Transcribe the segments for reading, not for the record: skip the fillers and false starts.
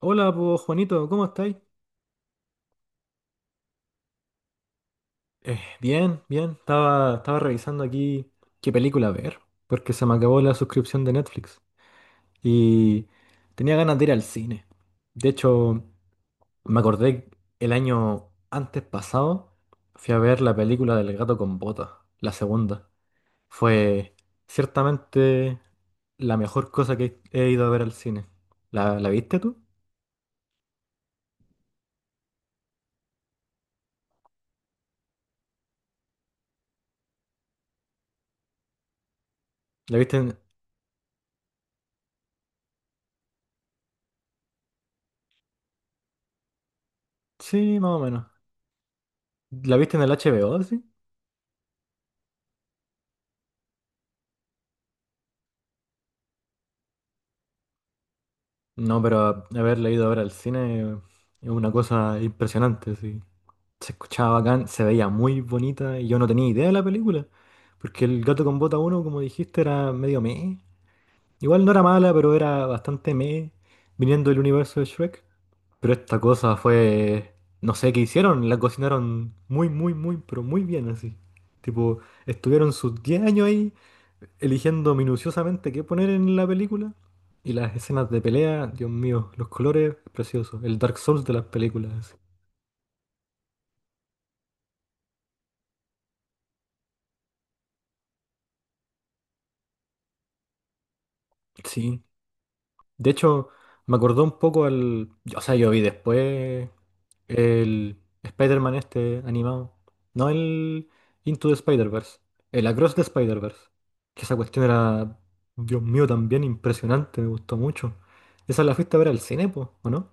Hola, pues Juanito, ¿cómo estáis? Bien, bien. Estaba revisando aquí qué película ver, porque se me acabó la suscripción de Netflix y tenía ganas de ir al cine. De hecho, me acordé el año antes pasado, fui a ver la película del gato con botas, la segunda. Fue ciertamente la mejor cosa que he ido a ver al cine. ¿La viste tú? ¿La viste en... Sí, más o menos. ¿La viste en el HBO, sí? No, pero haberla ido a ver al cine es una cosa impresionante, sí. Se escuchaba bacán, se veía muy bonita y yo no tenía idea de la película, porque El gato con bota uno, como dijiste, era medio meh. Igual no era mala, pero era bastante meh, viniendo del universo de Shrek. Pero esta cosa fue, no sé qué hicieron, la cocinaron muy, muy, muy, pero muy bien así. Tipo, estuvieron sus 10 años ahí eligiendo minuciosamente qué poner en la película. Y las escenas de pelea, Dios mío, los colores, preciosos. El Dark Souls de las películas. Sí. De hecho, me acordó un poco al... O sea, yo vi después el Spider-Man este animado. No el Into the Spider-Verse. El Across the Spider-Verse. Que esa cuestión era, Dios mío, también impresionante. Me gustó mucho. Esa la fuiste a ver al cine, po, ¿o no?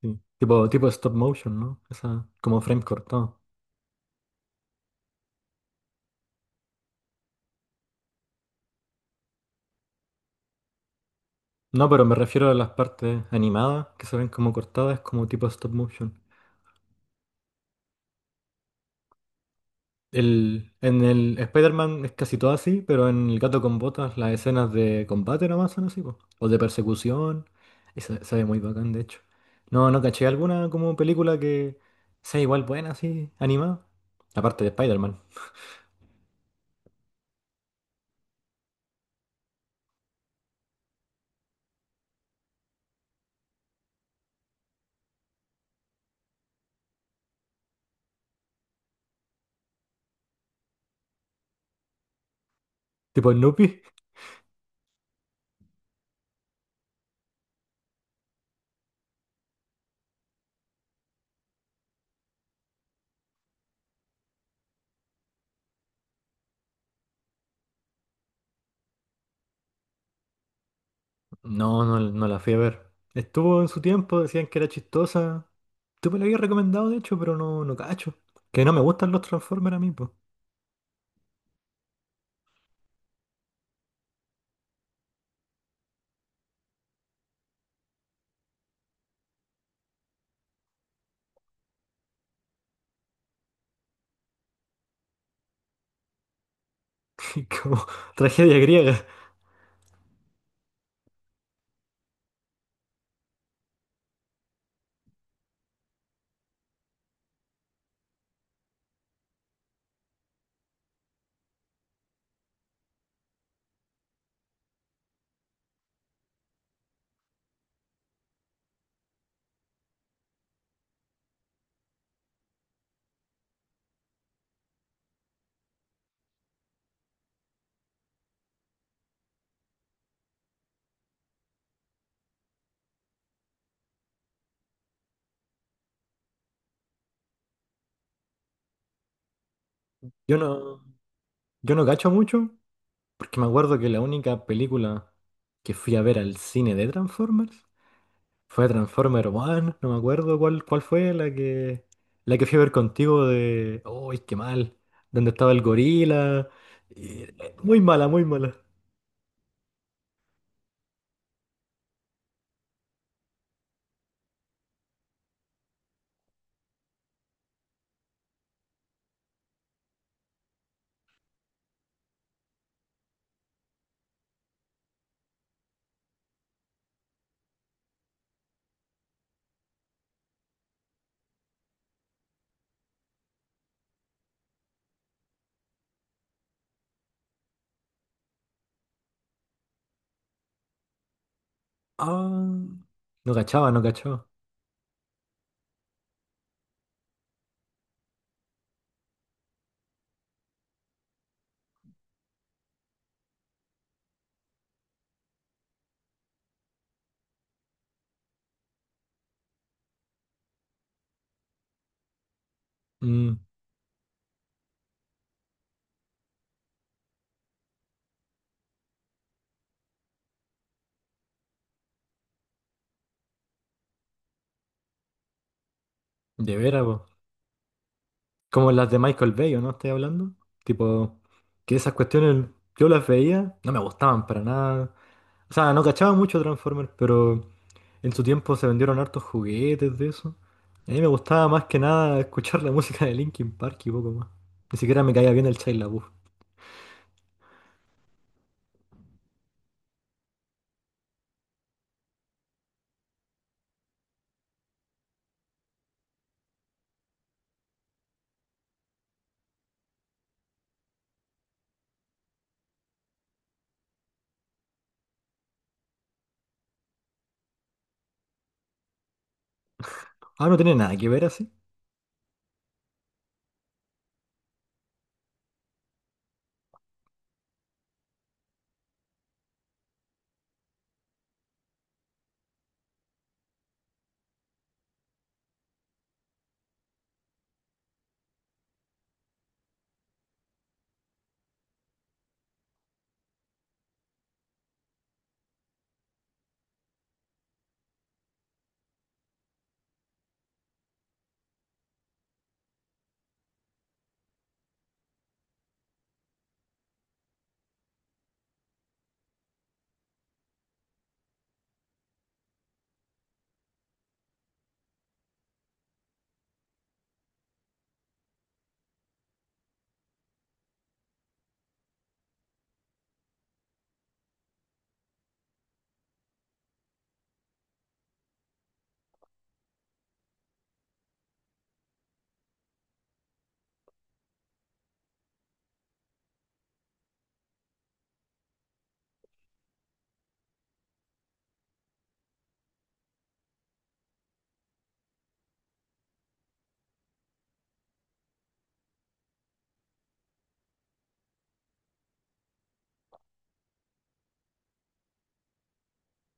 Sí. Tipo, tipo stop motion, ¿no? Esa, como frame cortado. No, pero me refiero a las partes animadas que se ven como cortadas, como tipo stop motion. El, en el Spider-Man es casi todo así, pero en El Gato con Botas las escenas de combate nomás son así, po. O de persecución. Y se ve muy bacán, de hecho. No, no caché alguna como película que sea igual buena, así, animada. Aparte de Spider-Man. Tipo Snoopy. No, no la fui a ver. Estuvo en su tiempo, decían que era chistosa. Tú me lo habías recomendado, de hecho, pero no, no cacho. Que no me gustan los Transformers a mí, pues. Como tragedia griega. Yo no, yo no cacho mucho, porque me acuerdo que la única película que fui a ver al cine de Transformers fue Transformer One, no me acuerdo cuál, cuál fue la que fui a ver contigo de... ¡Uy, qué mal! ¿Donde estaba el gorila? Y- Muy mala, muy mala. Ah, no cachaba. Mm, de veras, po. Como las de Michael Bay, ¿o no estoy hablando? Tipo, que esas cuestiones yo las veía, no me gustaban para nada. O sea, no cachaba mucho Transformers, pero en su tiempo se vendieron hartos juguetes de eso. A mí me gustaba más que nada escuchar la música de Linkin Park y poco más. Ni siquiera me caía bien el Shia LaBeouf. Ah, no tiene nada que ver así.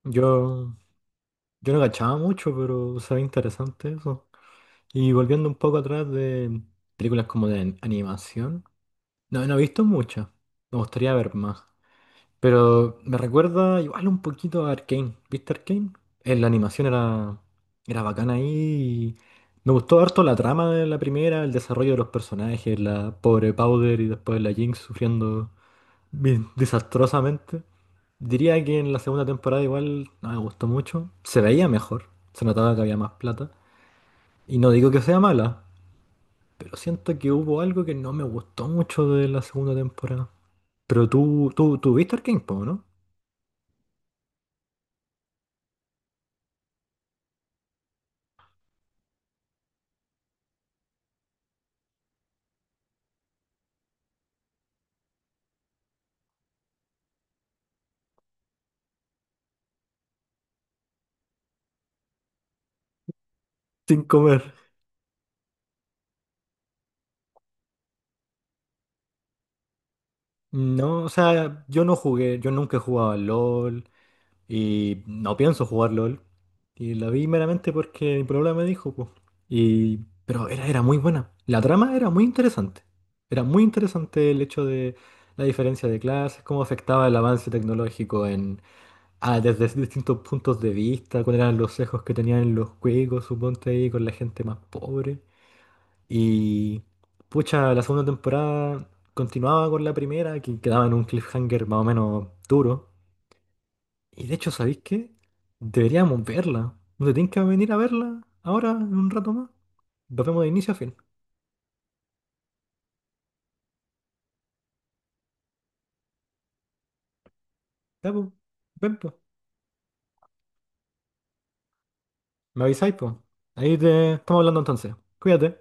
Yo, yo no cachaba mucho, pero se ve interesante eso. Y volviendo un poco atrás de películas como de animación, no, no he visto muchas. Me gustaría ver más. Pero me recuerda igual un poquito a Arcane. ¿Viste Arcane? La animación era, era bacana ahí. Y me gustó harto la trama de la primera, el desarrollo de los personajes, la pobre Powder y después la Jinx sufriendo bien desastrosamente. Diría que en la segunda temporada igual no me gustó mucho. Se veía mejor, se notaba que había más plata. Y no digo que sea mala, pero siento que hubo algo que no me gustó mucho de la segunda temporada. Pero tú viste Arcane, po, ¿no? Sin comer. No, o sea, yo no jugué, yo nunca he jugado al LOL y no pienso jugar LOL. Y la vi meramente porque mi problema me dijo, pues. Y, pero era, era muy buena. La trama era muy interesante. Era muy interesante el hecho de la diferencia de clases, cómo afectaba el avance tecnológico en, ah, desde distintos puntos de vista, cuáles eran los sesgos que tenían los juegos, suponte ahí, con la gente más pobre. Y pucha, la segunda temporada continuaba con la primera, que quedaba en un cliffhanger más o menos duro. Y de hecho, ¿sabéis qué? Deberíamos verla. ¿No te tienen que venir a verla ahora en un rato más? Nos vemos de inicio a fin. Ya, po. Ven, po. Me avisáis, po. Ahí te estamos hablando entonces. Cuídate.